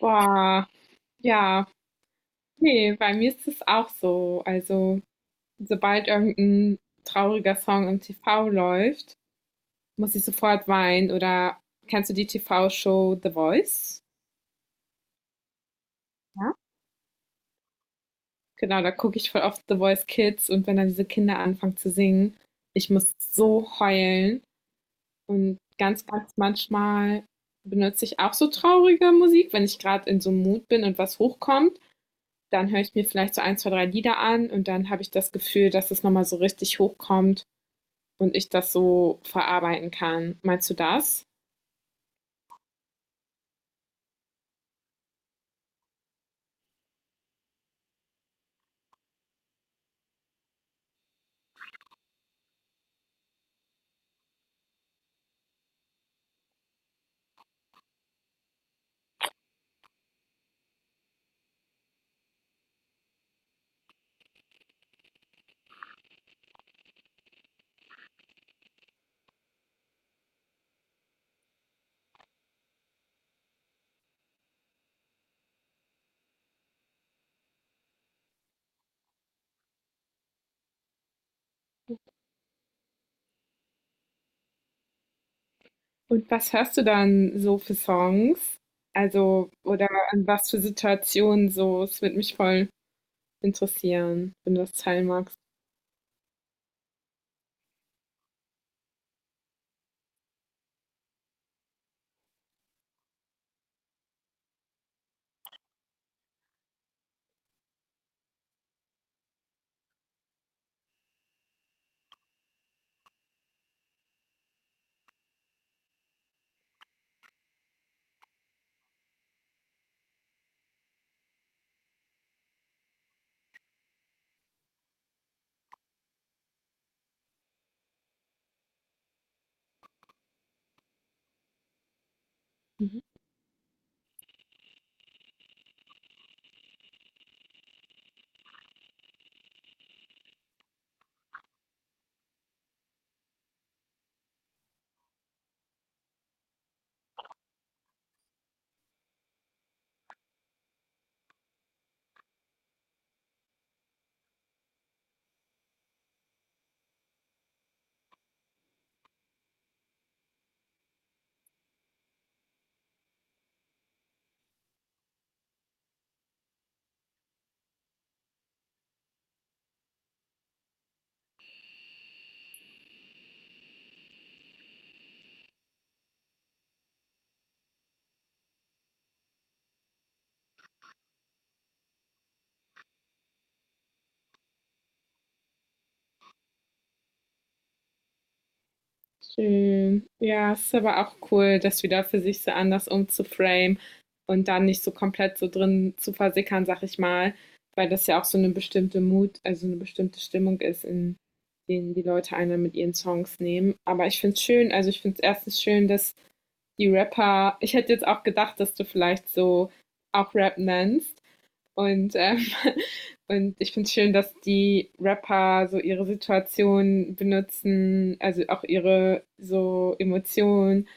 Boah, ja, nee, bei mir ist es auch so. Also, sobald irgendein trauriger Song im TV läuft, muss ich sofort weinen. Oder kennst du die TV-Show The Voice? Ja. Genau, da gucke ich voll oft The Voice Kids, und wenn dann diese Kinder anfangen zu singen, ich muss so heulen. Und ganz, ganz manchmal benutze ich auch so traurige Musik, wenn ich gerade in so einem Mut bin und was hochkommt. Dann höre ich mir vielleicht so 1, 2, 3 Lieder an, und dann habe ich das Gefühl, dass es nochmal so richtig hochkommt und ich das so verarbeiten kann. Meinst du das? Und was hörst du dann so für Songs? Also, oder an was für Situationen so? Es würde mich voll interessieren, wenn du das teilen magst. Mhm. Schön. Ja, es ist aber auch cool, das wieder für sich so anders umzuframen und dann nicht so komplett so drin zu versickern, sag ich mal, weil das ja auch so eine bestimmte Mut, also eine bestimmte Stimmung ist, in denen die Leute einer mit ihren Songs nehmen. Aber ich finde es schön, also ich finde es erstens schön, dass die Rapper, ich hätte jetzt auch gedacht, dass du vielleicht so auch Rap nennst, und und ich finde es schön, dass die Rapper so ihre Situation benutzen, also auch ihre so Emotionen,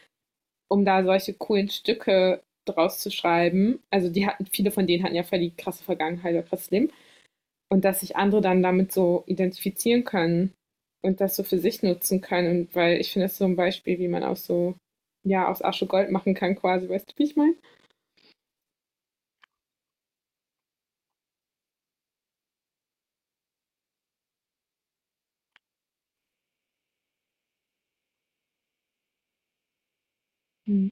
um da solche coolen Stücke draus zu schreiben. Also die hatten, viele von denen hatten ja voll die krasse Vergangenheit oder krasses Leben. Und dass sich andere dann damit so identifizieren können und das so für sich nutzen können. Und weil ich finde, das ist so ein Beispiel, wie man auch so, ja, aus Asche Gold machen kann quasi, weißt du, wie ich meine? Mhm.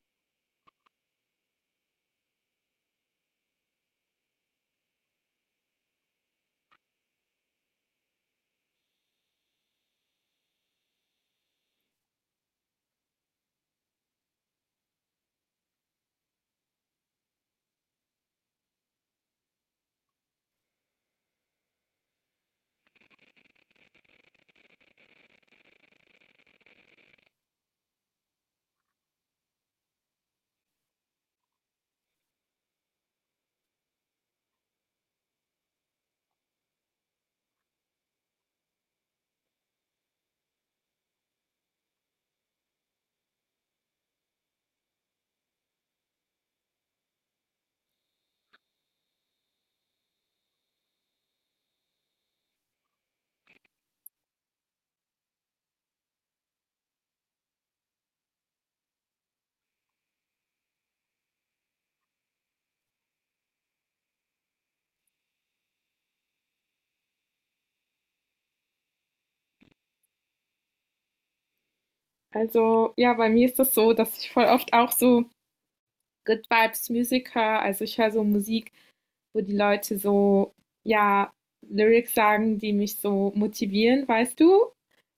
Also, ja, bei mir ist das so, dass ich voll oft auch so Good Vibes Musiker. Also ich höre so Musik, wo die Leute so, ja, Lyrics sagen, die mich so motivieren, weißt du?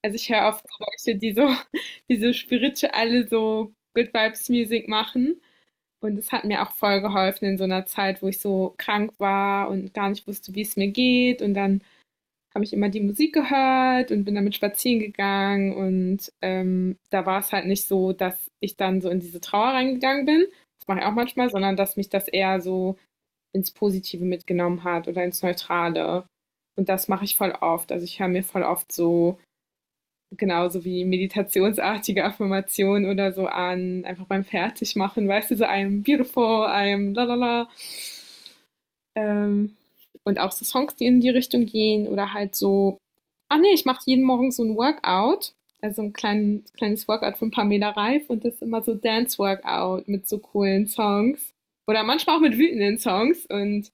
Also ich höre oft so Leute, die so, die so spirituelle, so Good Vibes Music machen. Und das hat mir auch voll geholfen in so einer Zeit, wo ich so krank war und gar nicht wusste, wie es mir geht. Und dann habe ich immer die Musik gehört und bin damit spazieren gegangen. Und da war es halt nicht so, dass ich dann so in diese Trauer reingegangen bin. Das mache ich auch manchmal, sondern dass mich das eher so ins Positive mitgenommen hat oder ins Neutrale. Und das mache ich voll oft. Also ich höre mir voll oft so, genauso wie meditationsartige Affirmationen oder so an, einfach beim Fertigmachen, weißt du, so einem beautiful, I'm la la la. Ähm, und auch so Songs, die in die Richtung gehen oder halt so, ah nee, ich mache jeden Morgen so ein Workout, also ein kleines Workout von Pamela Reif, und das ist immer so Dance-Workout mit so coolen Songs oder manchmal auch mit wütenden Songs, und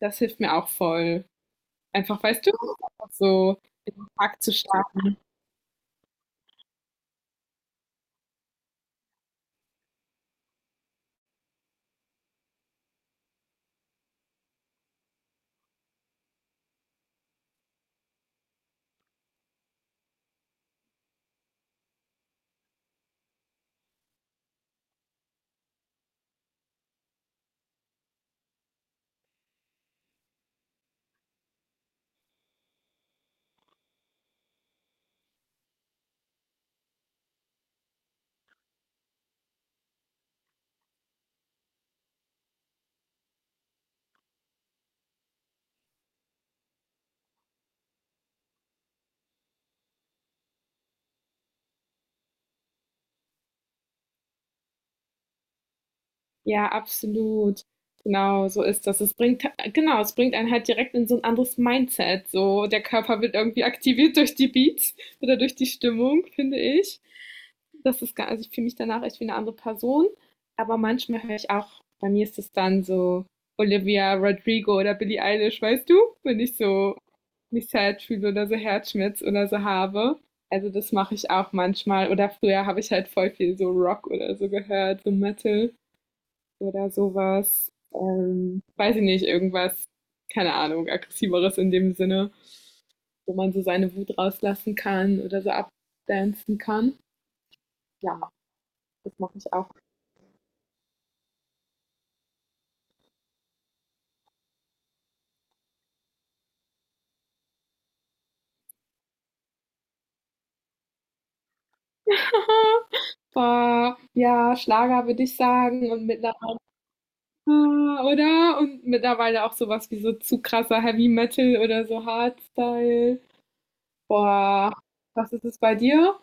das hilft mir auch voll. Einfach, weißt du, so Tag zu starten. Ja, absolut. Genau, so ist das. Es bringt, genau, es bringt einen halt direkt in so ein anderes Mindset. So, der Körper wird irgendwie aktiviert durch die Beats oder durch die Stimmung, finde ich. Das ist, gar- also ich fühle mich danach echt wie eine andere Person. Aber manchmal höre ich auch, bei mir ist es dann so Olivia Rodrigo oder Billie Eilish, weißt du? Wenn ich so mich sad fühle oder so Herzschmerz oder so habe. Also das mache ich auch manchmal. Oder früher habe ich halt voll viel so Rock oder so gehört, so Metal oder sowas. Weiß ich nicht, irgendwas, keine Ahnung, aggressiveres in dem Sinne, wo man so seine Wut rauslassen kann oder so abdancen kann. Ja, das mache ich auch. Aha. Boah, ja, Schlager würde ich sagen, und mittlerweile ah, oder? Und mittlerweile auch sowas wie so zu krasser Heavy Metal oder so Hardstyle. Boah, was ist es bei dir?